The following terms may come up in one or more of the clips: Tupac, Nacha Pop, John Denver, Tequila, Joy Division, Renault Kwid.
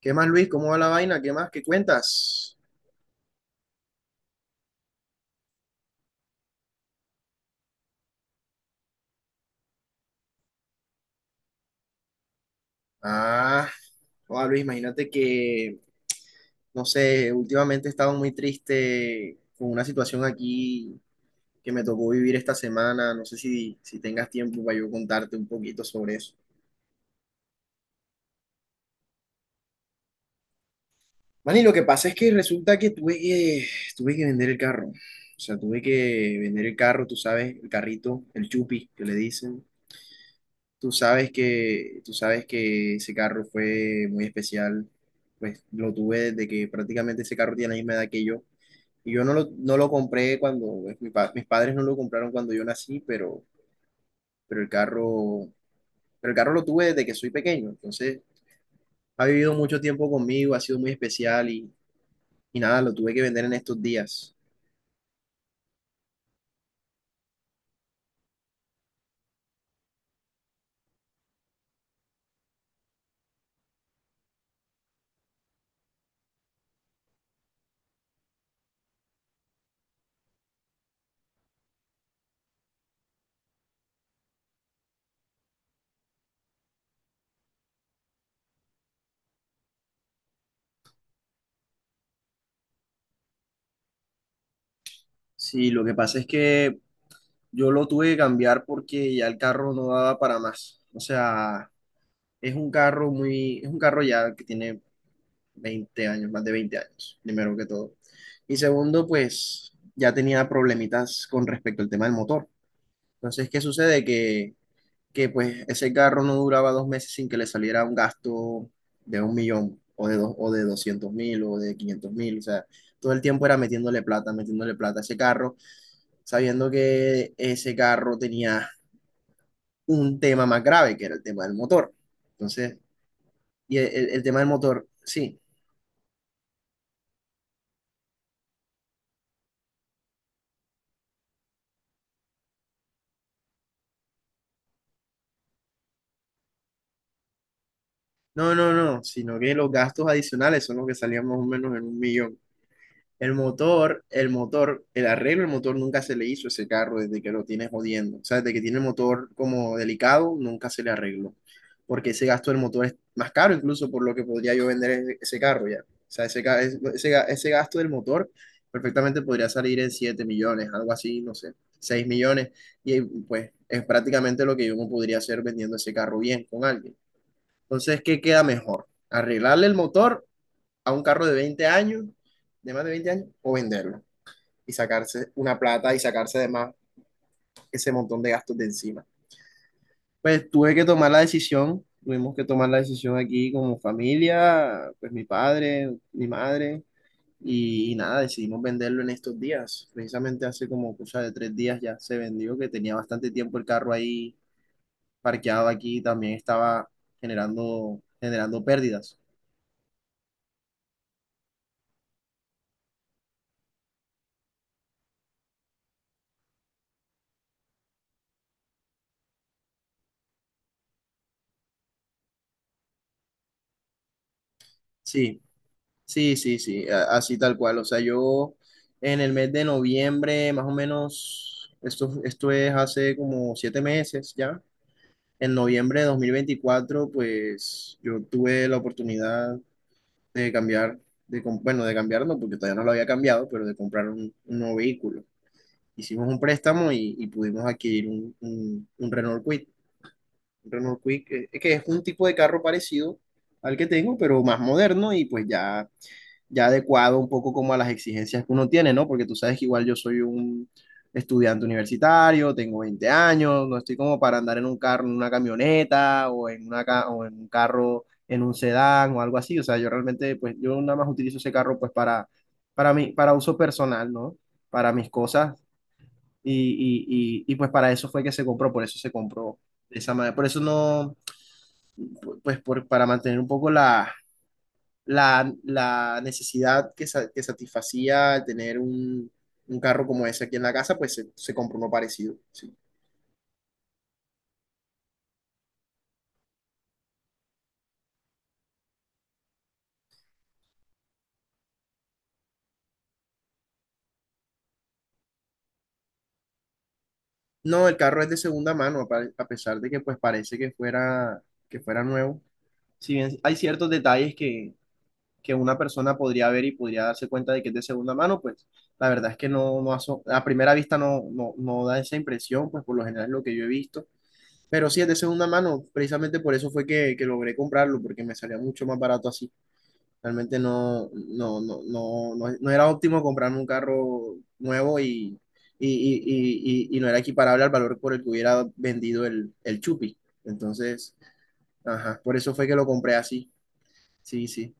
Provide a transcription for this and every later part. ¿Qué más, Luis? ¿Cómo va la vaina? ¿Qué más? ¿Qué cuentas? Ah, hola, Luis, imagínate que, no sé, últimamente he estado muy triste con una situación aquí que me tocó vivir esta semana. No sé si tengas tiempo para yo contarte un poquito sobre eso. Man, y lo que pasa es que resulta que tuve que vender el carro. O sea, tuve que vender el carro, tú sabes, el carrito, el chupi, que le dicen. Tú sabes que ese carro fue muy especial, pues lo tuve desde que prácticamente ese carro tiene la misma edad que yo. Y yo no lo compré cuando, pues, mis padres no lo compraron cuando yo nací, pero el carro, pero el carro lo tuve desde que soy pequeño. Entonces, ha vivido mucho tiempo conmigo, ha sido muy especial y nada, lo tuve que vender en estos días. Sí, lo que pasa es que yo lo tuve que cambiar porque ya el carro no daba para más. O sea, es un carro ya que tiene 20 años, más de 20 años, primero que todo. Y segundo, pues ya tenía problemitas con respecto al tema del motor. Entonces, ¿qué sucede? Que pues ese carro no duraba 2 meses sin que le saliera un gasto de un millón o de 200.000 o de 500.000. O sea, todo el tiempo era metiéndole plata a ese carro, sabiendo que ese carro tenía un tema más grave, que era el tema del motor. Entonces, y el tema del motor, sí. No, no, no, sino que los gastos adicionales son los que salían más o menos en un millón. El motor, el arreglo del motor nunca se le hizo a ese carro desde que lo tiene jodiendo. O sea, desde que tiene el motor como delicado, nunca se le arregló. Porque ese gasto del motor es más caro incluso por lo que podría yo vender ese carro ya. O sea, ese, ca- ese, ga- ese gasto del motor perfectamente podría salir en 7 millones, algo así, no sé, 6 millones. Y pues es prácticamente lo que yo me podría hacer vendiendo ese carro bien con alguien. Entonces, ¿qué queda mejor? ¿Arreglarle el motor a un carro de 20 años, de más de 20 años, o venderlo y sacarse una plata y sacarse además ese montón de gastos de encima? Pues tuve que tomar la decisión, tuvimos que tomar la decisión aquí como familia, pues mi padre, mi madre, y nada, decidimos venderlo en estos días. Precisamente hace como cosa de 3 días ya se vendió, que tenía bastante tiempo el carro ahí parqueado aquí, también estaba generando pérdidas. Sí. Sí, sí, sí, así tal cual. O sea, yo en el mes de noviembre, más o menos, esto es hace como 7 meses ya. En noviembre de 2024, pues yo tuve la oportunidad de cambiar, de cambiarlo, porque todavía no lo había cambiado, pero de comprar un nuevo vehículo. Hicimos un préstamo y pudimos adquirir un, un Renault Kwid. Un Renault Kwid, que es un tipo de carro parecido al que tengo, pero más moderno y pues ya adecuado un poco como a las exigencias que uno tiene, ¿no? Porque tú sabes que igual yo soy un estudiante universitario, tengo 20 años, no estoy como para andar en un carro, en una camioneta o en, una ca- o en un carro, en un sedán o algo así. O sea, yo realmente, pues yo nada más utilizo ese carro pues para mí, para uso personal, ¿no? Para mis cosas y, y pues para eso fue que se compró, por eso se compró de esa manera. Por eso no, pues por, para mantener un poco la, la necesidad que, que satisfacía tener un carro como ese aquí en la casa, pues se compró uno parecido, sí. No, el carro es de segunda mano, a pesar de que pues parece que fuera nuevo. Si bien hay ciertos detalles que una persona podría ver y podría darse cuenta de que es de segunda mano, pues la verdad es que no, a primera vista no, no da esa impresión, pues por lo general es lo que yo he visto. Pero sí es de segunda mano, precisamente por eso fue que logré comprarlo, porque me salía mucho más barato así. Realmente no era óptimo comprarme un carro nuevo y, y no era equiparable al valor por el que hubiera vendido el Chupi. Entonces, ajá, por eso fue que lo compré así. Sí, sí.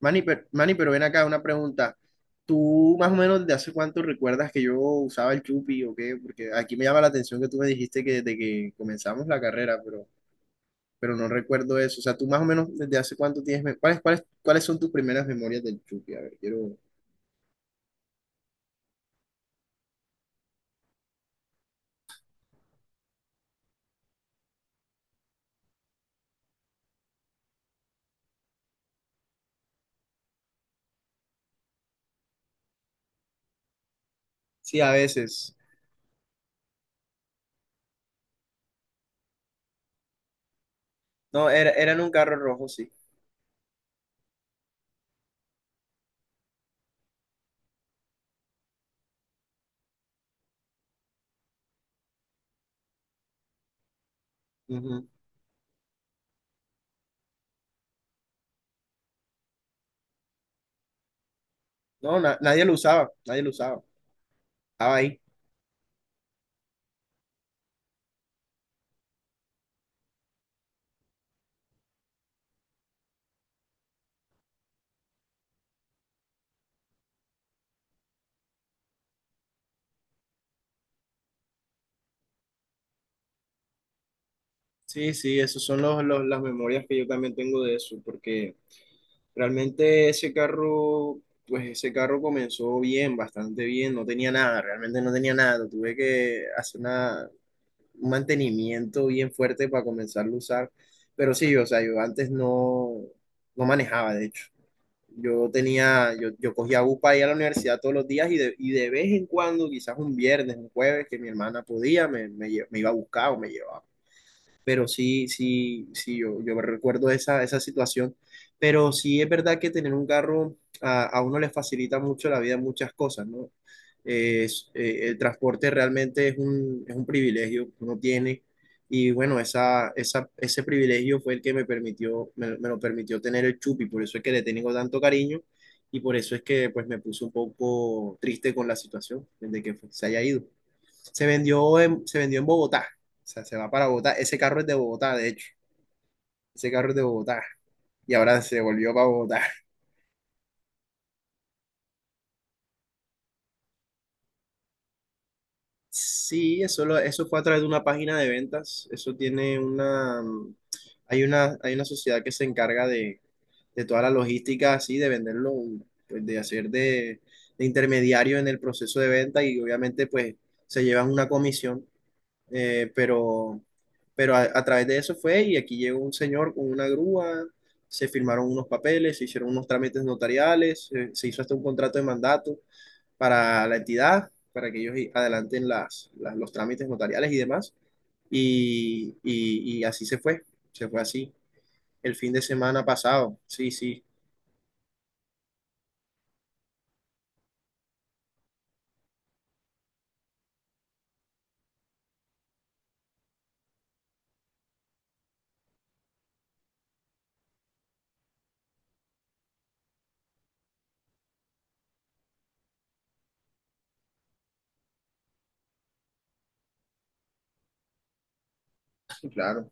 Manny, pero ven acá una pregunta. ¿Tú más o menos de hace cuánto recuerdas que yo usaba el Chupi o qué? Porque aquí me llama la atención que tú me dijiste que desde que comenzamos la carrera, pero no recuerdo eso. O sea, tú más o menos desde hace cuánto tienes, cuáles son tus primeras memorias del Chucky? A ver, quiero. Sí, a veces. No, era en un carro rojo, sí. Ujú. No, nadie lo usaba, nadie lo usaba. Estaba ahí. Sí, sí, esas son las memorias que yo también tengo de eso, porque realmente ese carro, pues ese carro comenzó bien, bastante bien, no tenía nada, realmente no tenía nada, tuve que hacer un mantenimiento bien fuerte para comenzarlo a usar. Pero sí, o sea, yo antes no manejaba, de hecho. Yo cogía bus para ir a la universidad todos los días y de vez en cuando, quizás un viernes, un jueves, que mi hermana podía, me iba a buscar o me llevaba pero sí, sí, sí, yo me recuerdo esa situación, pero sí es verdad que tener un carro a uno le facilita mucho la vida en muchas cosas, ¿no? El transporte realmente es es un privilegio que uno tiene y bueno, ese privilegio fue el que me permitió, me lo permitió tener el Chupi, por eso es que le tengo tanto cariño y por eso es que pues me puse un poco triste con la situación de que pues, se haya ido. Se vendió en Bogotá. O sea, se va para Bogotá. Ese carro es de Bogotá, de hecho. Ese carro es de Bogotá. Y ahora se volvió para Bogotá. Sí, eso, eso fue a través de una página de ventas. Eso tiene una... Hay una sociedad que se encarga de, toda la logística así, de venderlo, pues, de hacer de intermediario en el proceso de venta y obviamente pues se llevan una comisión. Eh, pero pero a través de eso fue y aquí llegó un señor con una grúa, se firmaron unos papeles, se hicieron unos trámites notariales, hizo hasta un contrato de mandato para la entidad, para que ellos adelanten los trámites notariales y demás. Y así se fue, así el fin de semana pasado. Sí, sí, claro,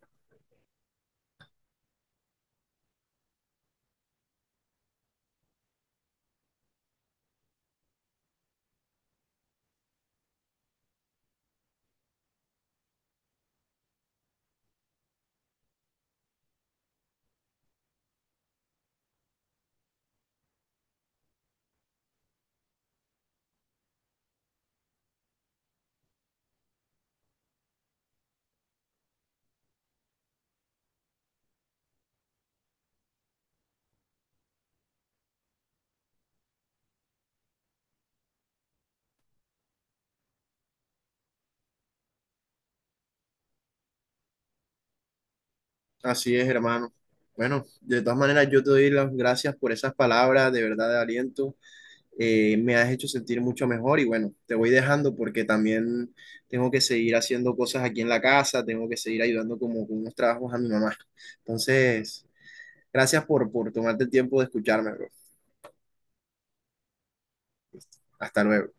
así es, hermano. Bueno, de todas maneras, yo te doy las gracias por esas palabras de verdad de aliento. Me has hecho sentir mucho mejor y bueno, te voy dejando porque también tengo que seguir haciendo cosas aquí en la casa, tengo que seguir ayudando como con unos trabajos a mi mamá. Entonces, gracias por tomarte el tiempo de escucharme, bro. Hasta luego.